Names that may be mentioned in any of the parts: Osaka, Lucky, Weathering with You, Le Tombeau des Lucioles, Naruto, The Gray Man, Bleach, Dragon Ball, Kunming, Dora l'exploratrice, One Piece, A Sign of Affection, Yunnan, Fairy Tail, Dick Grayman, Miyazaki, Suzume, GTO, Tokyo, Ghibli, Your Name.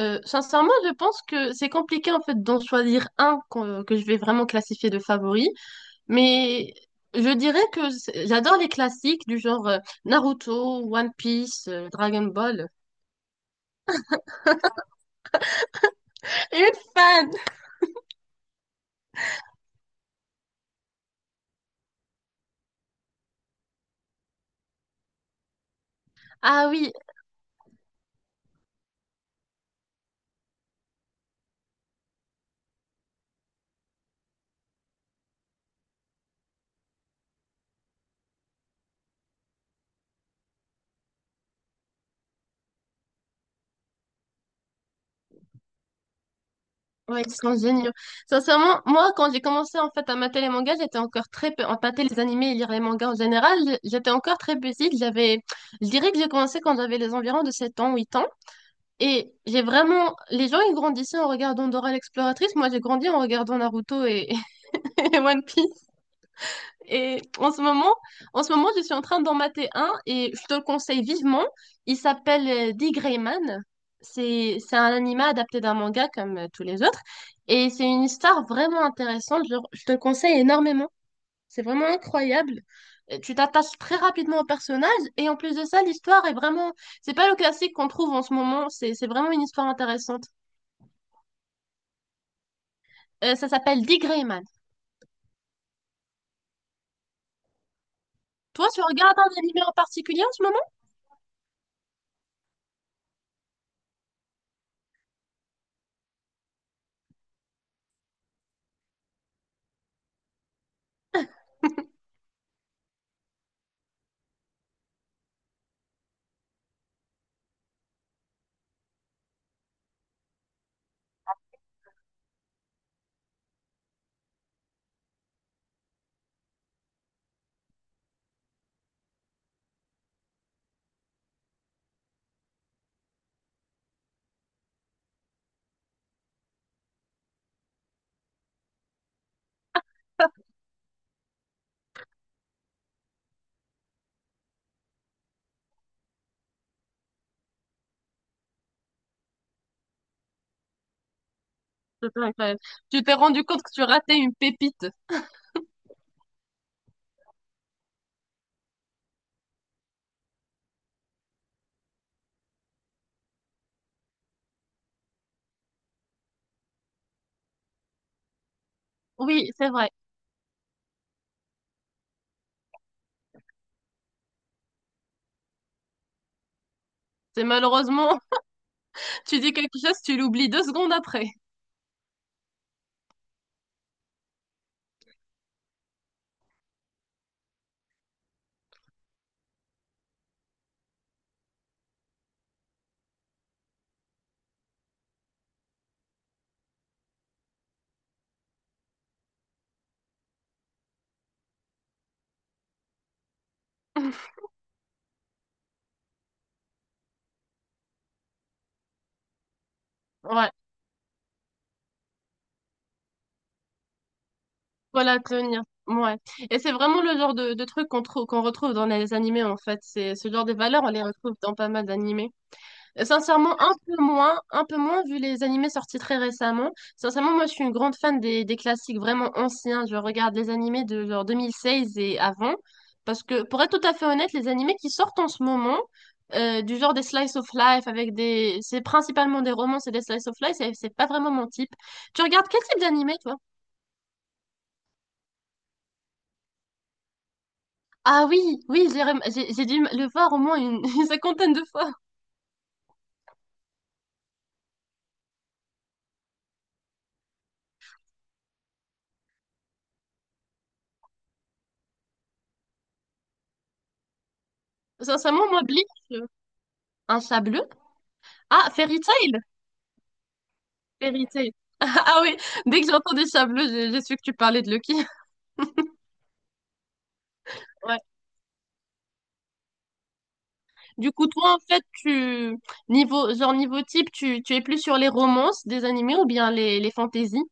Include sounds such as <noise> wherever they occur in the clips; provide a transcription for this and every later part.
Sincèrement, je pense que c'est compliqué en fait d'en choisir un que, je vais vraiment classifier de favori, mais je dirais que j'adore les classiques du genre Naruto, One Piece, Dragon Ball. Une fan! Ah oui, ouais, ils sont géniaux. Sincèrement, moi, quand j'ai commencé en fait à mater les mangas, j'étais encore très peu, à mater les animés et lire les mangas en général, j'étais encore très petite. J'avais, je dirais que j'ai commencé quand j'avais les environs de 7 ans, 8 ans. Et j'ai vraiment. Les gens, ils grandissaient en regardant Dora l'exploratrice. Moi, j'ai grandi en regardant Naruto <laughs> et One Piece. Et en ce moment, en ce moment, je suis en train d'en mater un et je te le conseille vivement. Il s'appelle The Gray Man. C'est un anime adapté d'un manga comme tous les autres. Et c'est une histoire vraiment intéressante. Je te le conseille énormément. C'est vraiment incroyable. Tu t'attaches très rapidement au personnage et en plus de ça, l'histoire est vraiment. C'est pas le classique qu'on trouve en ce moment. C'est vraiment une histoire intéressante. Ça s'appelle Dick Grayman. Toi, tu regardes un animé en particulier en ce moment? <laughs> C'est incroyable. Tu t'es rendu compte que tu ratais une pépite. Oui, c'est vrai. C'est malheureusement, <laughs> tu dis quelque chose, tu l'oublies 2 secondes après. Ouais, voilà, tenir. Ouais. Et c'est vraiment le genre de truc qu'on retrouve dans les animés, en fait. C'est ce genre de valeurs, on les retrouve dans pas mal d'animés. Sincèrement, un peu moins vu les animés sortis très récemment. Sincèrement, moi, je suis une grande fan des classiques vraiment anciens. Je regarde les animés de genre 2016 et avant. Parce que, pour être tout à fait honnête, les animés qui sortent en ce moment, du genre des slice of life avec des, c'est principalement des romances et des slice of life, c'est pas vraiment mon type. Tu regardes quel type d'animé, toi? Ah oui, oui, j'ai rem- j'ai dû le voir au moins <laughs> une cinquantaine de fois. Sincèrement, moi, Bleach, euh, un chat bleu. Ah, Fairy Tail. Vérité. <laughs> Ah oui, dès que j'ai entendu Chablis, j'ai su que tu parlais de Lucky. <laughs> Ouais. Du coup, toi, en fait, tu niveau genre niveau type, tu es plus sur les romances des animés ou bien les fantaisies?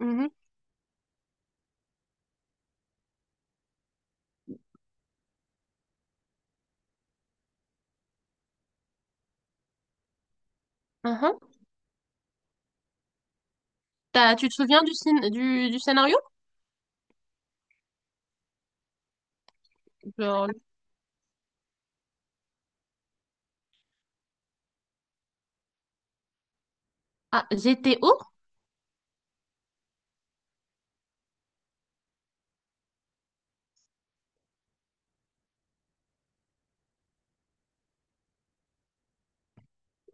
Mhm. Mhm. Tu te souviens du scénario? Genre. Ah, GTO?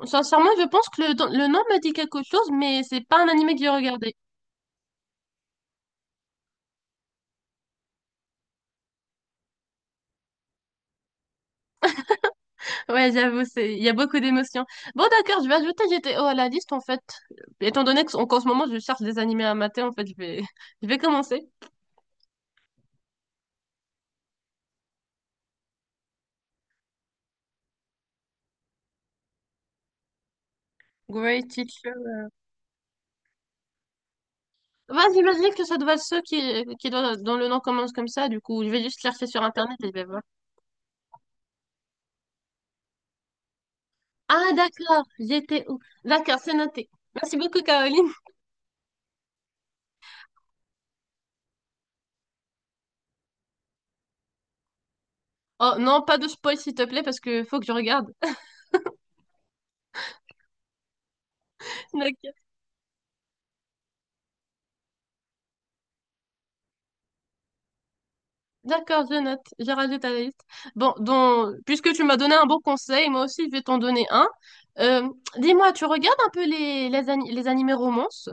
Sincèrement, je pense que le nom me dit quelque chose, mais c'est pas un animé que j'ai regardé. Ouais, j'avoue, c'est, il y a beaucoup d'émotions. Bon, d'accord, je vais ajouter GTO à la liste, en fait. Étant donné qu'en ce moment, je cherche des animés à mater, en fait, <laughs> je vais commencer. Great teacher. Y j'imagine que ça doit être ceux dont le nom commence comme ça. Du coup, je vais juste chercher sur Internet et je vais voir. Ah, d'accord. J'étais où? D'accord, c'est noté. Merci beaucoup, Caroline. Oh, non, pas de spoil, s'il te plaît, parce que faut que je regarde. <laughs> D'accord, d'accord, je note. Je rajoute à la liste. Bon, donc, puisque tu m'as donné un bon conseil, moi aussi, je vais t'en donner un. Euh, Dis-moi, tu regardes un peu les, les animés romances?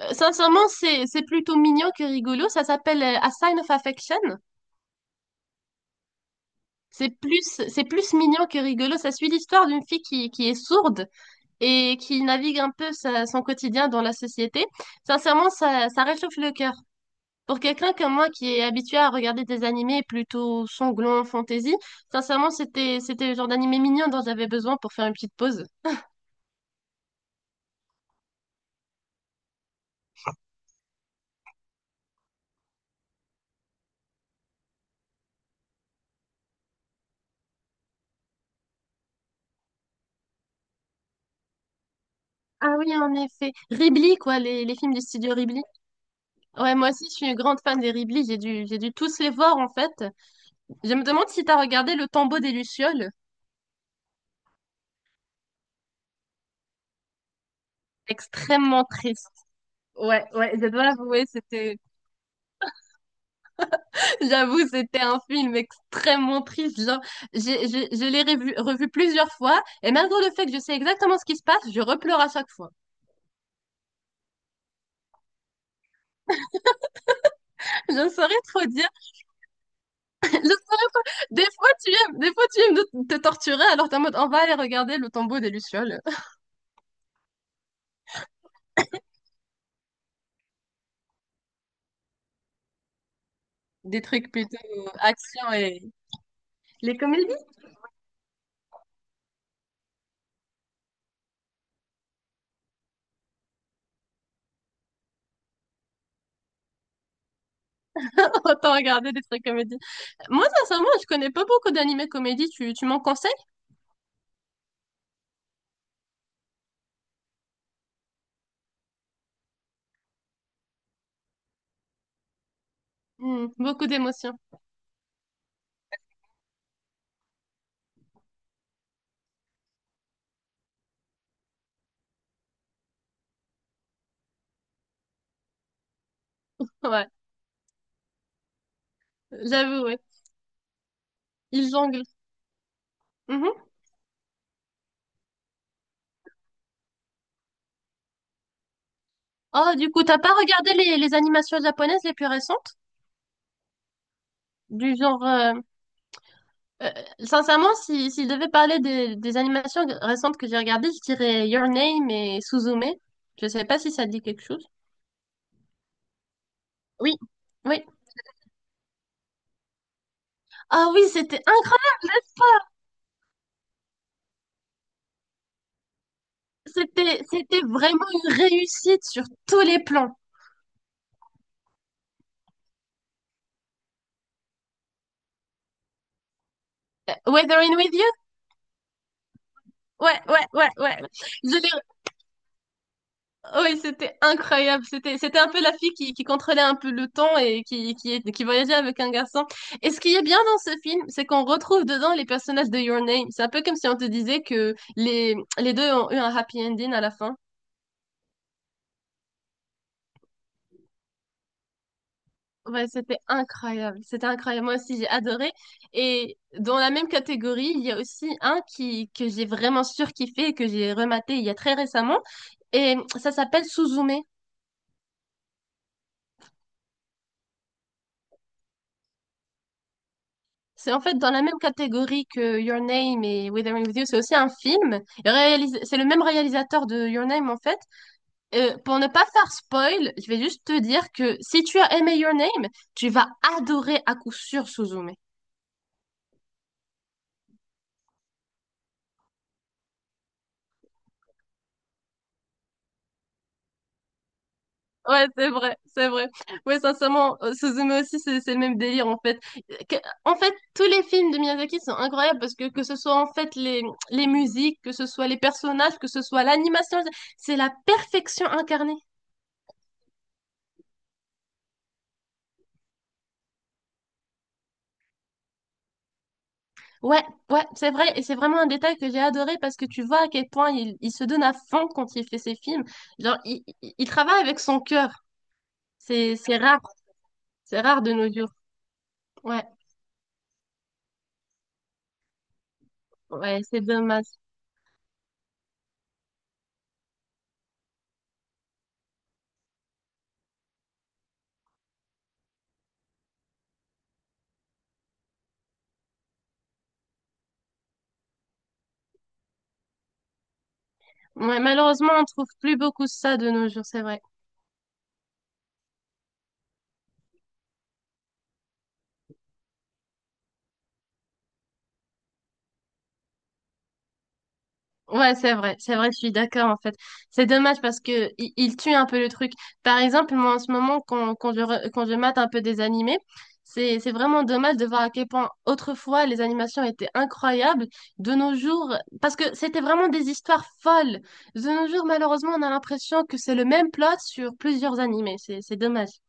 Sincèrement, c'est plutôt mignon que rigolo. Ça s'appelle A Sign of Affection. C'est plus, c'est plus mignon que rigolo. Ça suit l'histoire d'une fille qui est sourde et qui navigue un peu son quotidien dans la société. Sincèrement, ça réchauffe le cœur. Pour quelqu'un comme moi qui est habitué à regarder des animés plutôt sanglants, fantasy, sincèrement, c'était le genre d'animé mignon dont j'avais besoin pour faire une petite pause. Ah oui, en effet. Ghibli, quoi, les films du studio Ghibli. Ouais, moi aussi, je suis une grande fan des Ghibli. J'ai dû tous les voir, en fait. Je me demande si t'as regardé Le Tombeau des Lucioles. Extrêmement triste. Ouais, ouais, je dois avouer, <laughs> j'avoue, c'était un film extrêmement triste. Genre, je l'ai revu plusieurs fois, et malgré le fait que je sais exactement ce qui se passe, je repleure à chaque fois. <laughs> Je ne saurais trop dire. <laughs> Je saurais- Des fois, tu aimes, des fois, tu aimes te torturer, alors t'es en mode, on va aller regarder le tombeau des Lucioles. <laughs> Des trucs plutôt action et les comédies. <laughs> Autant regarder des trucs comédies. Moi, sincèrement, je connais pas beaucoup d'animés comédies. Tu m'en conseilles? Hmm, beaucoup d'émotions. Ouais, j'avoue, ouais. Ils jonglent. Mhm. Oh, du coup, t'as pas regardé les animations japonaises les plus récentes? Du genre, euh, sincèrement, si je devais parler des animations récentes que j'ai regardées, je dirais Your Name et Suzume. Je sais pas si ça te dit quelque chose. Oui, oui. Ah oui, c'était incroyable. C'était vraiment une réussite sur tous les plans. Weathering with You? Ouais, ouais, ouais, ouais. Je l'ai, Oui, c'était incroyable. C'était un peu la fille qui contrôlait un peu le temps et qui voyageait avec un garçon. Et ce qui est bien dans ce film, c'est qu'on retrouve dedans les personnages de Your Name. C'est un peu comme si on te disait que les deux ont eu un happy ending à la fin. Ouais, c'était incroyable. C'était incroyable. Moi aussi, j'ai adoré. Et dans la même catégorie, il y a aussi un que j'ai vraiment surkiffé et que j'ai rematé il y a très récemment. Et ça s'appelle Suzume. C'est en fait dans la même catégorie que Your Name et Withering With You, c'est aussi un film. C'est le même réalisateur de Your Name en fait. Pour ne pas faire spoil, je vais juste te dire que si tu as aimé Your Name, tu vas adorer à coup sûr Suzume. Ouais, c'est vrai, c'est vrai. Ouais, sincèrement, Suzume aussi, c'est le même délire en fait. Euh, que- En fait, tous les films de Miyazaki sont incroyables parce que ce soit en fait les musiques, que ce soit les personnages, que ce soit l'animation, c'est la perfection incarnée. Ouais, ouais, c'est vrai, et c'est vraiment un détail que j'ai adoré parce que tu vois à quel point il se donne à fond quand il fait ses films. Genre, il travaille avec son cœur. C'est, c'est rare, c'est rare de nos jours. Ouais, ouais, c'est dommage. Ouais, malheureusement, on trouve plus beaucoup ça de nos jours, c'est vrai. Ouais, c'est vrai, je suis d'accord en fait. C'est dommage parce que il tue un peu le truc. Par exemple, moi en ce moment, quand je mate un peu des animés, c'est vraiment dommage de voir à quel point autrefois les animations étaient incroyables. De nos jours, parce que c'était vraiment des histoires folles. De nos jours, malheureusement, on a l'impression que c'est le même plot sur plusieurs animés. C'est dommage.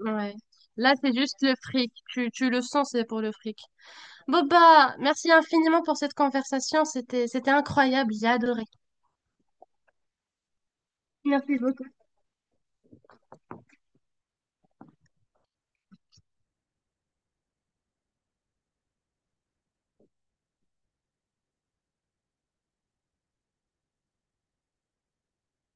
Ouais. Là, c'est juste le fric. Tu le sens, c'est pour le fric. Boba, merci infiniment pour cette conversation. C'était incroyable. J'ai adoré. Merci beaucoup.